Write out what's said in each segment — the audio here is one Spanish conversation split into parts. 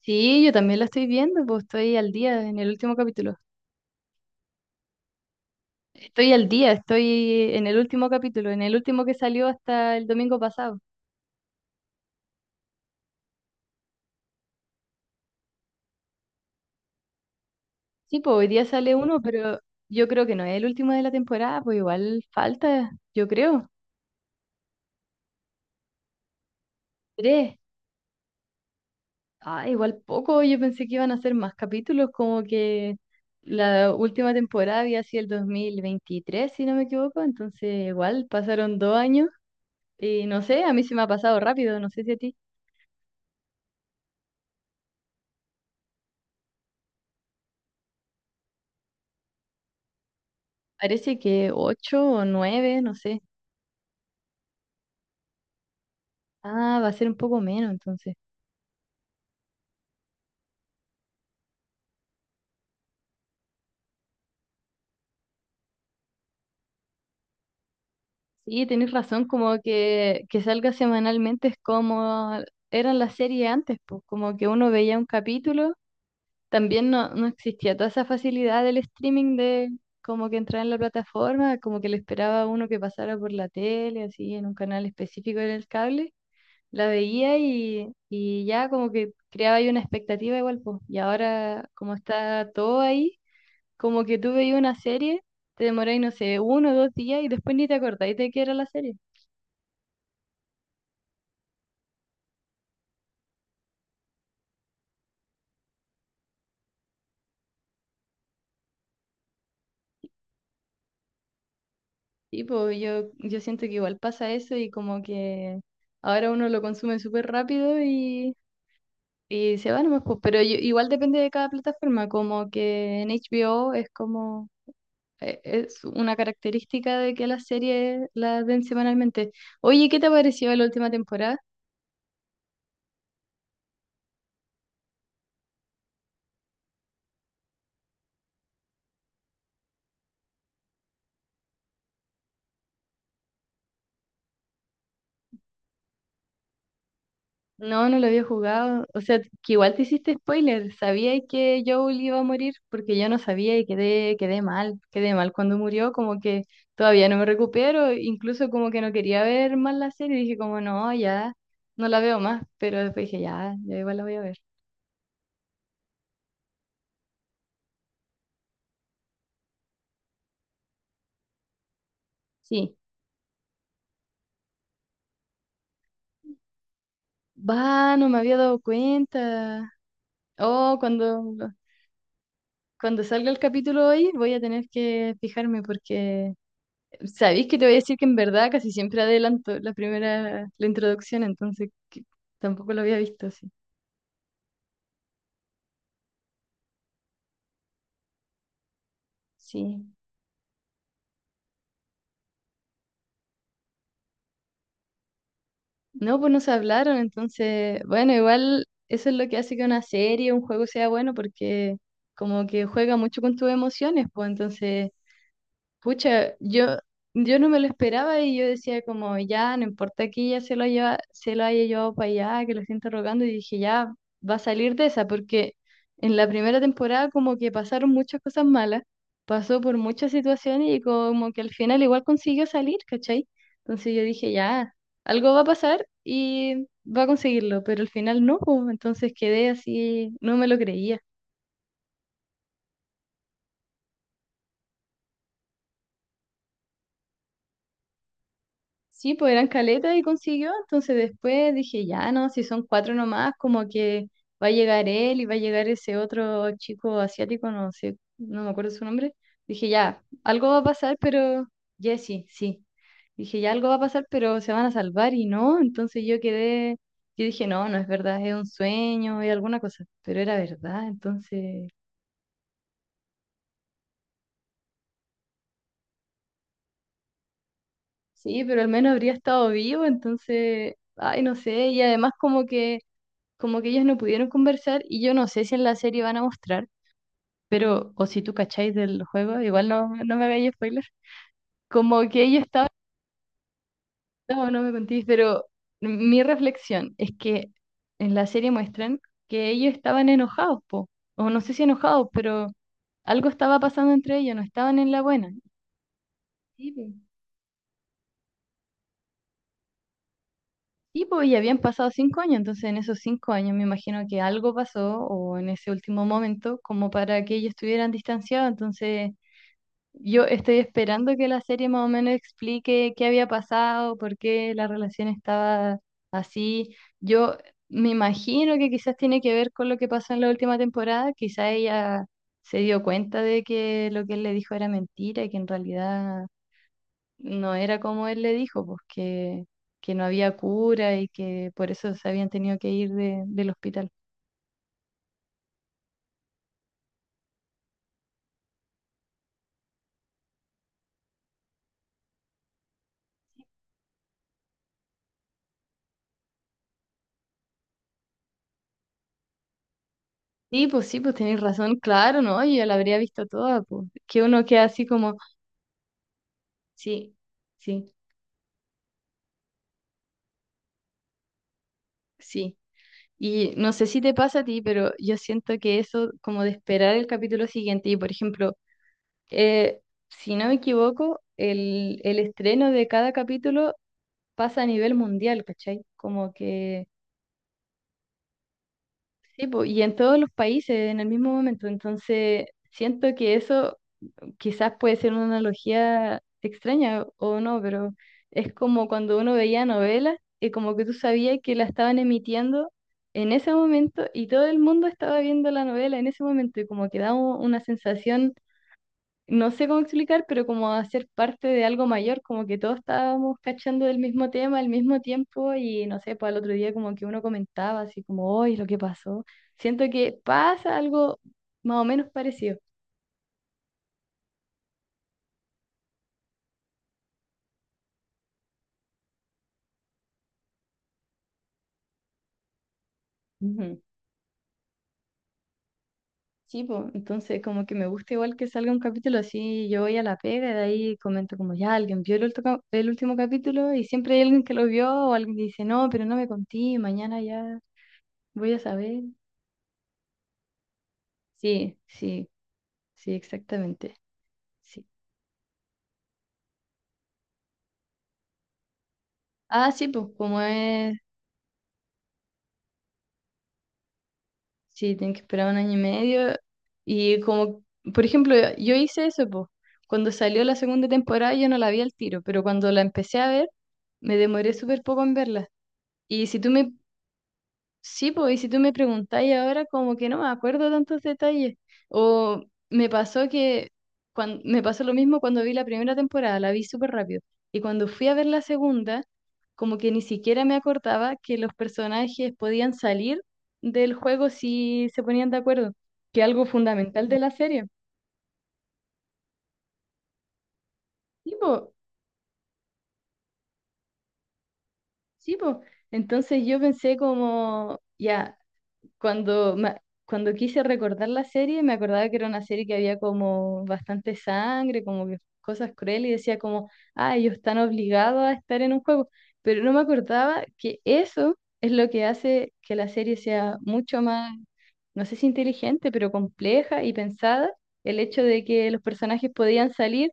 Sí, yo también la estoy viendo, pues estoy al día en el último capítulo. Estoy al día, estoy en el último capítulo, en el último que salió hasta el domingo pasado. Sí, pues hoy día sale uno, pero yo creo que no es el último de la temporada, pues igual falta, yo creo, tres. Ah, igual poco, yo pensé que iban a hacer más capítulos, como que la última temporada había sido el 2023, si no me equivoco, entonces igual pasaron 2 años y no sé, a mí se me ha pasado rápido, no sé si a ti. Parece que ocho o nueve, no sé. Ah, va a ser un poco menos entonces. Sí, tenés razón, como que salga semanalmente es como eran las series antes, pues como que uno veía un capítulo, también no, no existía toda esa facilidad del streaming de como que entrar en la plataforma, como que le esperaba a uno que pasara por la tele, así en un canal específico en el cable, la veía y ya como que creaba ahí una expectativa igual, pues, y ahora como está todo ahí. Como que tú veías una serie, te demoráis, no sé, 1 o 2 días y después ni te acordáis de qué era la serie. Y pues yo siento que igual pasa eso y como que ahora uno lo consume súper rápido y se va nomás, pues. Pero igual depende de cada plataforma, como que en HBO es como... es una característica de que las series las ven semanalmente. Oye, ¿qué te pareció la última temporada? No, no lo había jugado. O sea, que igual te hiciste spoiler. Sabía que Joel iba a morir porque yo no sabía y quedé mal. Quedé mal cuando murió, como que todavía no me recupero. Incluso como que no quería ver más la serie. Dije como, no, ya no la veo más. Pero después dije, ya, ya igual la voy a ver. Sí. Va, no me había dado cuenta. Oh, cuando salga el capítulo hoy voy a tener que fijarme porque sabéis que te voy a decir que en verdad casi siempre adelanto la primera, la introducción, entonces que tampoco lo había visto así. Sí. No, pues no se hablaron, entonces, bueno, igual eso es lo que hace que una serie, un juego sea bueno, porque como que juega mucho con tus emociones, pues entonces pucha, yo no me lo esperaba y yo decía como, ya, no importa que ella se lo haya llevado para allá, que lo esté interrogando, y dije, ya, va a salir de esa, porque en la primera temporada como que pasaron muchas cosas malas, pasó por muchas situaciones y como que al final igual consiguió salir, ¿cachai? Entonces yo dije, ya, algo va a pasar y va a conseguirlo, pero al final no, pues, entonces quedé así, no me lo creía. Sí, pues eran caletas y consiguió. Entonces después dije, ya no, si son cuatro nomás, como que va a llegar él y va a llegar ese otro chico asiático, no sé, no me acuerdo su nombre. Dije, ya, algo va a pasar, pero Jesse, sí. Dije, ya algo va a pasar, pero se van a salvar y no. Entonces yo quedé, yo dije, no, no es verdad, es un sueño, es alguna cosa, pero era verdad. Entonces, sí, pero al menos habría estado vivo, entonces, ay, no sé, y además como que ellos no pudieron conversar y yo no sé si en la serie van a mostrar, pero o si tú cacháis del juego, igual no, no me hagáis spoiler, como que ellos estaban, no, no me contéis, pero mi reflexión es que en la serie muestran que ellos estaban enojados, po, o no sé si enojados, pero algo estaba pasando entre ellos, no estaban en la buena. Sí, po. Sí, po, y habían pasado 5 años, entonces en esos 5 años me imagino que algo pasó o en ese último momento como para que ellos estuvieran distanciados, entonces yo estoy esperando que la serie más o menos explique qué había pasado, por qué la relación estaba así. Yo me imagino que quizás tiene que ver con lo que pasó en la última temporada. Quizás ella se dio cuenta de que lo que él le dijo era mentira y que en realidad no era como él le dijo, pues que, no había cura y que por eso se habían tenido que ir del hospital. Sí, pues tenéis razón, claro, ¿no? Yo ya la habría visto toda, pues. Que uno queda así como, sí. Sí, sí, y no sé si te pasa a ti, pero yo siento que eso, como de esperar el capítulo siguiente, y por ejemplo, eh, si no me equivoco, el estreno de cada capítulo pasa a nivel mundial, ¿cachai? Como que, sí, po, y en todos los países en el mismo momento, entonces siento que eso quizás puede ser una analogía extraña o no, pero es como cuando uno veía novelas y como que tú sabías que la estaban emitiendo en ese momento y todo el mundo estaba viendo la novela en ese momento y como que da una sensación, no sé cómo explicar, pero como a ser parte de algo mayor, como que todos estábamos cachando del mismo tema al mismo tiempo y no sé, pues al otro día como que uno comentaba así como, hoy lo que pasó. Siento que pasa algo más o menos parecido. Sí, pues, entonces como que me gusta igual que salga un capítulo así, yo voy a la pega y de ahí comento como ya alguien vio el último capítulo y siempre hay alguien que lo vio o alguien que dice no, pero no me conté, mañana ya voy a saber. Sí, sí, sí, exactamente. Sí. Ah, sí, pues como es, sí, tienen que esperar un año y medio y como, por ejemplo, yo hice eso, pues, cuando salió la segunda temporada yo no la vi al tiro, pero cuando la empecé a ver me demoré súper poco en verla. Y si tú me Sí, pues, y si tú me preguntáis ahora, como que no me acuerdo tantos detalles. O me pasó que me pasó lo mismo cuando vi la primera temporada, la vi súper rápido. Y cuando fui a ver la segunda, como que ni siquiera me acordaba que los personajes podían salir del juego si se ponían de acuerdo, que algo fundamental de la serie. Sí, pues, sí, pues. Entonces yo pensé como, ya. cuando, ma- Cuando quise recordar la serie, me acordaba que era una serie que había como bastante sangre, como que cosas crueles, y decía como, ah, ellos están obligados a estar en un juego. Pero no me acordaba que eso es lo que hace que la serie sea mucho más, no sé si inteligente, pero compleja y pensada, el hecho de que los personajes podían salir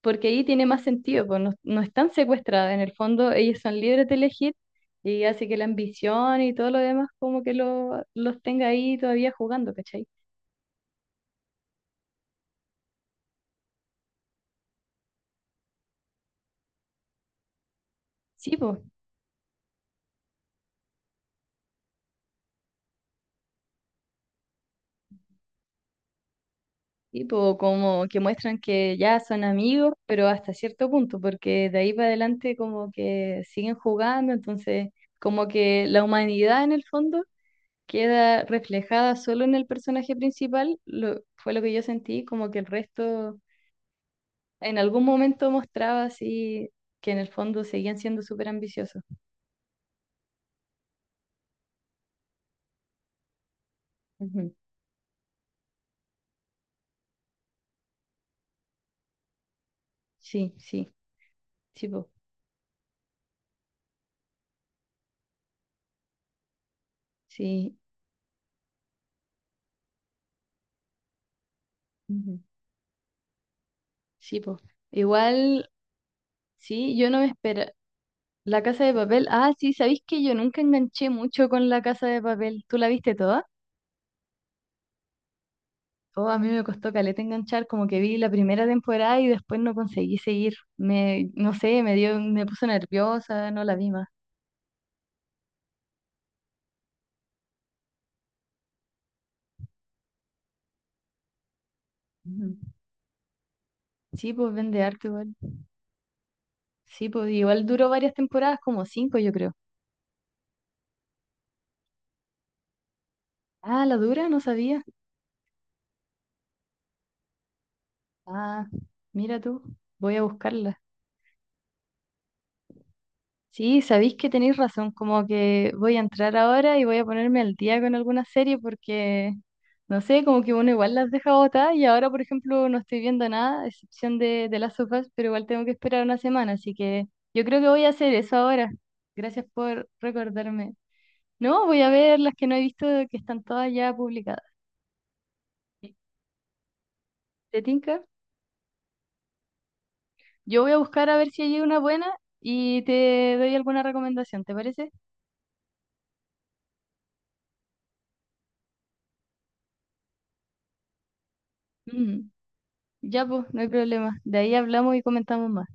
porque ahí tiene más sentido, pues no, no están secuestradas, en el fondo ellas son libres de elegir y hace que la ambición y todo lo demás como que los tenga ahí todavía jugando, ¿cachai? Sí, pues, sí, po, como que muestran que ya son amigos, pero hasta cierto punto, porque de ahí para adelante como que siguen jugando, entonces como que la humanidad en el fondo queda reflejada solo en el personaje principal, fue lo que yo sentí, como que el resto en algún momento mostraba así que en el fondo seguían siendo súper ambiciosos. Ujú. Sí, sí, sí, po, sí, ujú, sí, po. Igual, sí, yo no me espera. La Casa de Papel, ah, sí, ¿sabéis que yo nunca enganché mucho con La Casa de Papel? ¿Tú la viste toda? Oh, a mí me costó caleta enganchar, como que vi la primera temporada y después no conseguí seguir. Me, no sé, me dio, me puso nerviosa, no la vi más. Ujú. Sí, pues vende arte igual. Sí, pues igual duró varias temporadas, como cinco, yo creo. Ah, la dura, no sabía. Ah, mira tú, voy a buscarla. Sí, sabéis que tenéis razón, como que voy a entrar ahora y voy a ponerme al día con alguna serie porque, no sé, como que uno igual las deja botadas y ahora, por ejemplo, no estoy viendo nada, a excepción de las sofás, pero igual tengo que esperar una semana, así que yo creo que voy a hacer eso ahora. Gracias por recordarme. No, voy a ver las que no he visto que están todas ya publicadas. ¿Te tinca? Yo voy a buscar a ver si hay una buena y te doy alguna recomendación, ¿te parece? Mm, ya, pues, no hay problema. De ahí hablamos y comentamos más.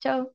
Chao.